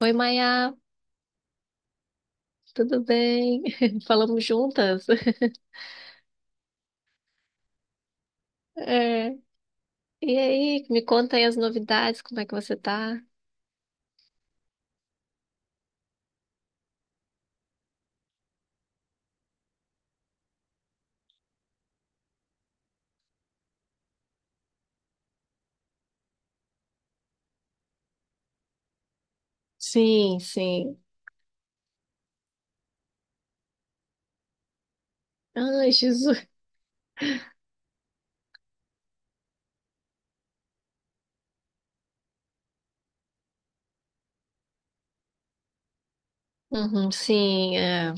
Oi, Maia, tudo bem? Falamos juntas? É. E aí, me conta aí as novidades, como é que você tá? Sim, sim. Ai, Jesus. Uhum, sim, é.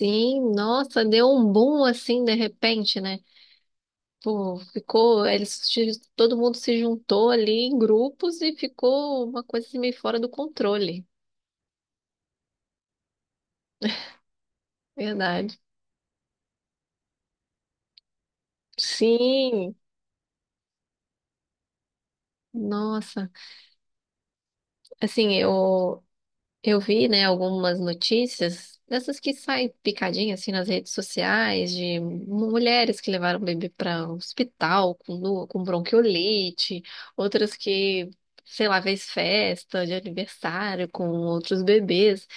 Sim, nossa, deu um boom assim de repente, né? Pô, ficou, eles, se- todo mundo se juntou ali em grupos e ficou uma coisa assim, meio fora do controle. Verdade. Sim. Nossa, assim, eu, eu vi, né, algumas notícias dessas que saem picadinha assim nas redes sociais de mulheres que levaram o bebê para o hospital com bronquiolite, outras que, sei lá, fez festa de aniversário com outros bebês.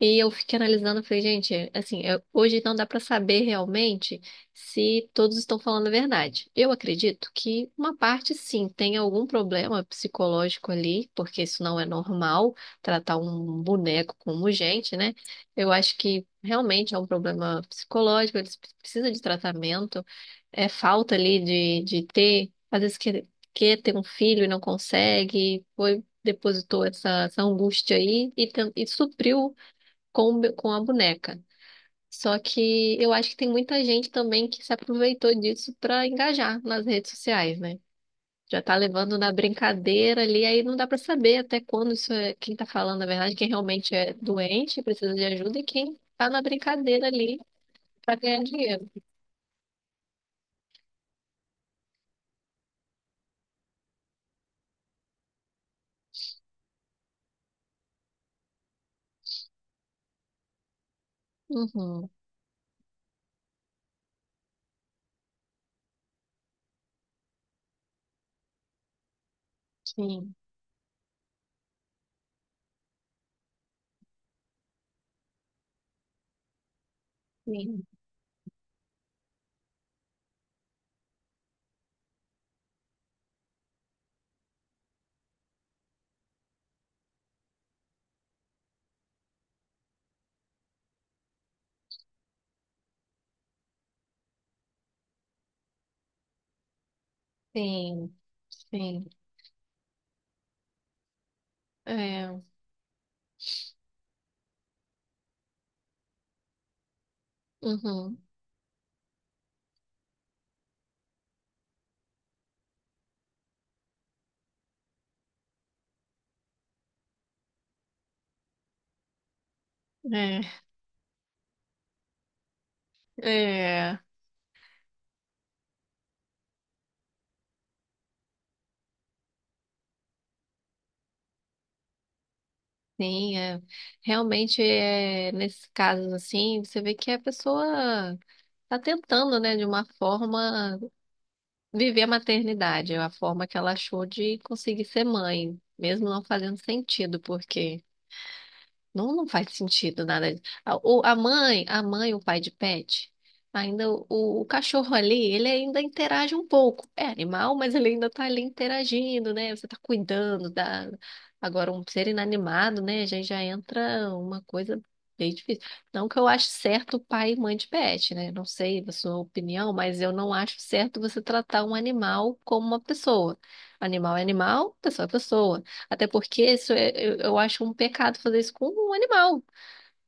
E eu fiquei analisando, falei, gente, assim, hoje não dá pra saber realmente se todos estão falando a verdade. Eu acredito que uma parte, sim, tem algum problema psicológico ali, porque isso não é normal, tratar um boneco como gente, né? Eu acho que realmente é um problema psicológico, eles precisam de tratamento, é falta ali de ter, quer ter um filho e não consegue, foi, depositou essa angústia aí e supriu com a boneca. Só que eu acho que tem muita gente também que se aproveitou disso para engajar nas redes sociais, né? Já tá levando na brincadeira ali, aí não dá para saber até quando isso é quem tá falando a verdade, quem realmente é doente, precisa de ajuda, e quem tá na brincadeira ali para ganhar dinheiro. Uhum, sim, sim, sim, sim. É, uhum, é, é. Sim, é. Realmente, é, nesses casos assim, você vê que a pessoa tá tentando, né, de uma forma, viver a maternidade, é a forma que ela achou de conseguir ser mãe, mesmo não fazendo sentido, porque não, não faz sentido nada. A mãe, o pai de pet, ainda o cachorro ali, ele ainda interage um pouco. É animal, mas ele ainda tá ali interagindo, né? Você tá cuidando da... Agora, um ser inanimado, né? Já entra uma coisa bem difícil. Não que eu ache certo pai e mãe de pet, né? Não sei da sua opinião, mas eu não acho certo você tratar um animal como uma pessoa. Animal é animal, pessoa é pessoa. Até porque isso é, eu acho um pecado fazer isso com um animal.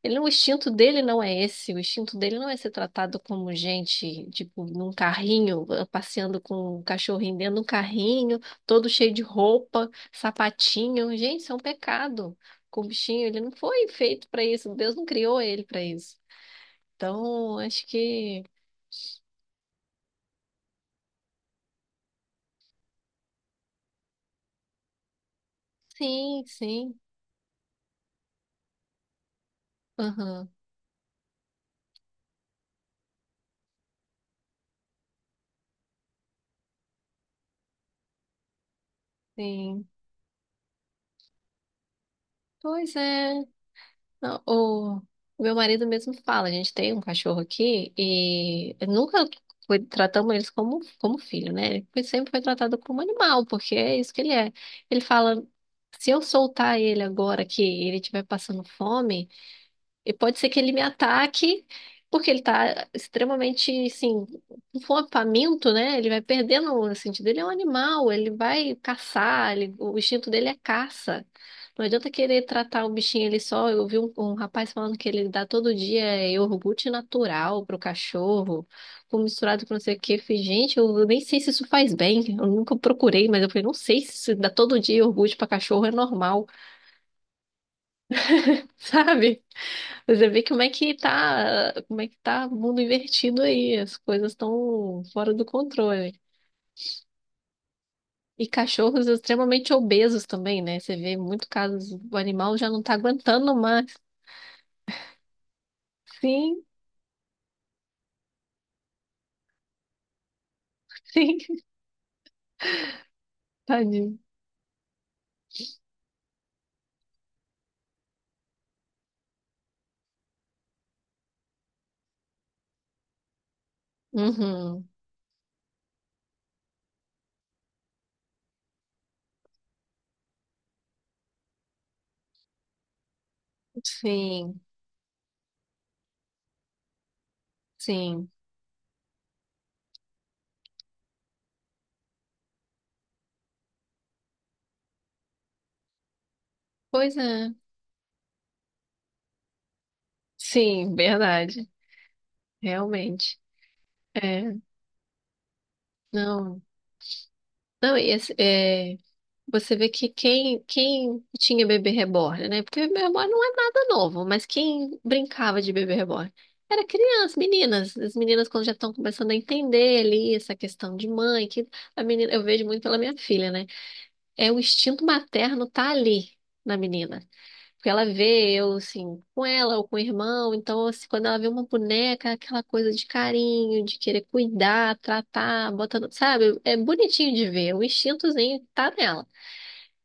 Ele, não- o instinto dele não é esse. O instinto dele não é ser tratado como gente, tipo, num carrinho, ah, passeando com um cachorrinho dentro de um carrinho, todo cheio de roupa, sapatinho. Gente, isso é um pecado. Com o bichinho, ele não foi feito para isso. Deus não criou ele para isso. Então, acho que sim, sim. Aham, sim. Pois é. Não, o meu marido mesmo fala, a gente tem um cachorro aqui e nunca foi, tratamos eles como filho, né? Sempre foi tratado como animal, porque é isso que ele é. Ele fala, se eu soltar ele agora que ele estiver passando fome, e pode ser que ele me ataque, porque ele tá extremamente, assim, com fome, faminto, né? Ele vai perdendo assim, o sentido. Ele é um animal, ele vai caçar, o instinto dele é caça. Não adianta querer tratar o bichinho ali só. Eu vi um rapaz falando que ele dá todo dia iogurte natural pro cachorro, com misturado com não sei o quê. Eu falei, gente, eu nem sei se isso faz bem. Eu nunca procurei, mas eu falei, não sei se isso dá todo dia iogurte pra cachorro é normal, sabe? Você vê como é que tá o mundo invertido aí, as coisas estão fora do controle. E cachorros extremamente obesos também, né? Você vê muito casos, o animal já não tá aguentando mais. Sim, sim, tadinho. Uhum. Sim, sim. Pois é. Sim, verdade. Realmente. É, não. Não, e esse, é, você vê que quem tinha bebê reborn, né? Porque bebê reborn não é nada novo, mas quem brincava de bebê reborn era criança, meninas. As meninas, quando já estão começando a entender ali essa questão de mãe, que a menina, eu vejo muito pela minha filha, né? É o instinto materno tá ali na menina. Porque ela vê eu, assim, com ela ou com o irmão, então, assim, quando ela vê uma boneca, aquela coisa de carinho, de querer cuidar, tratar, botando, sabe? É bonitinho de ver, o instintozinho tá nela.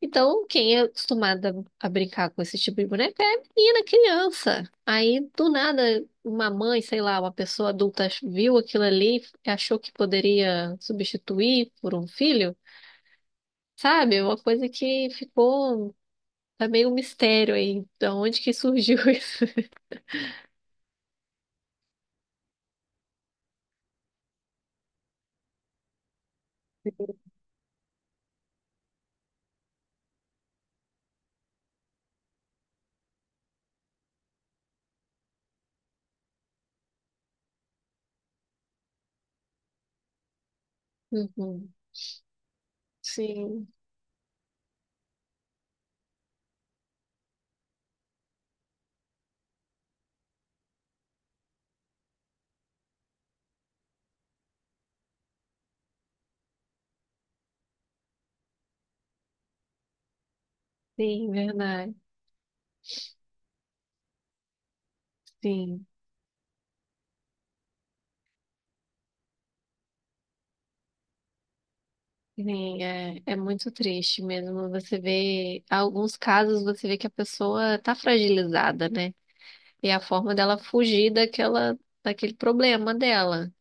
Então, quem é acostumada a brincar com esse tipo de boneca é menina, criança. Aí, do nada, uma mãe, sei lá, uma pessoa adulta viu aquilo ali e achou que poderia substituir por um filho, sabe? Uma coisa que ficou tá meio um mistério aí, da onde que surgiu isso. Uhum. Sim, sim, verdade. Sim, sim, é muito triste mesmo. Você vê, alguns casos você vê que a pessoa tá fragilizada, né? E a forma dela fugir daquela, daquele problema dela.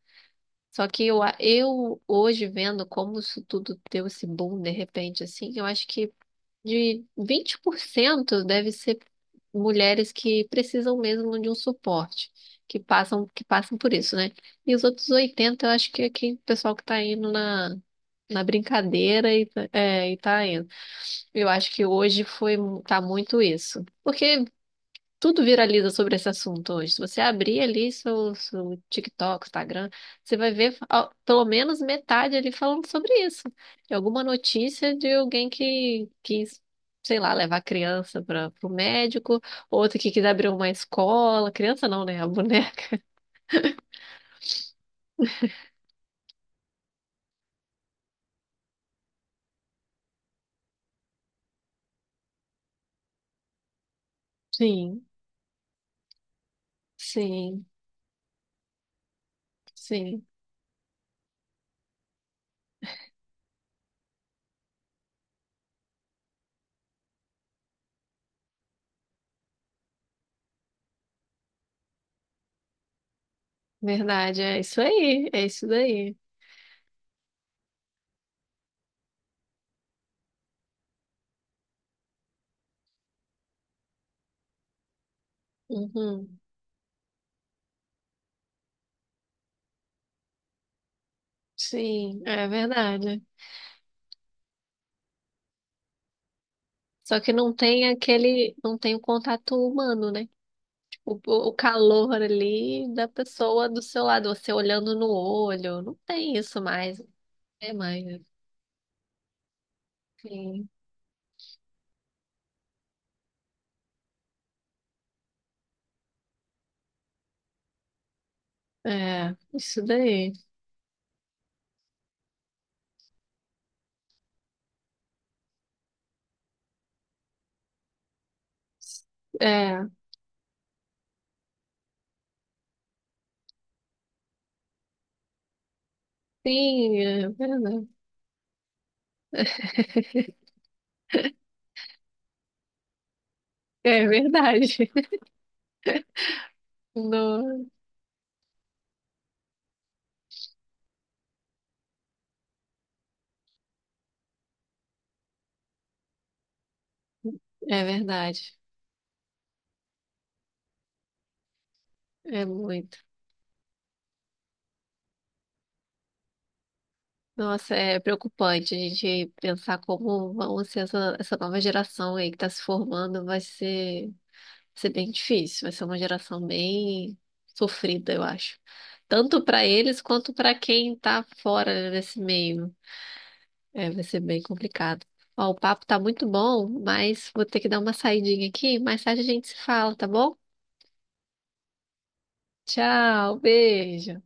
Só que eu hoje vendo como isso tudo deu esse boom de repente, assim, eu acho que de 20% deve ser mulheres que precisam mesmo de um suporte, que passam por isso, né? E os outros 80, eu acho que é quem, o pessoal que tá indo na brincadeira e, e tá indo. Eu acho que hoje tá muito isso. Porque tudo viraliza sobre esse assunto hoje. Se você abrir ali seu TikTok, Instagram, você vai ver ó, pelo menos metade ali falando sobre isso. De alguma notícia de alguém que quis, sei lá, levar a criança para o médico, outra que quis abrir uma escola. Criança não, né? A boneca. Sim, sim, sim. Verdade, é isso aí, é isso daí. Uhum. Sim, é verdade. Só que não tem aquele, não tem o contato humano, né? O calor ali da pessoa do seu lado, você olhando no olho, não tem isso mais, não tem mais. Sim. É, isso daí. É, sim, é verdade. É verdade. No- é verdade. É muito. Nossa, é preocupante a gente pensar como vão ser essa nova geração aí que está se formando, vai ser. Vai ser bem difícil, vai ser uma geração bem sofrida, eu acho. Tanto para eles quanto para quem tá fora desse meio. É, vai ser bem complicado. Ó, o papo tá muito bom, mas vou ter que dar uma saidinha aqui. Mais tarde a gente se fala, tá bom? Tchau, beijo.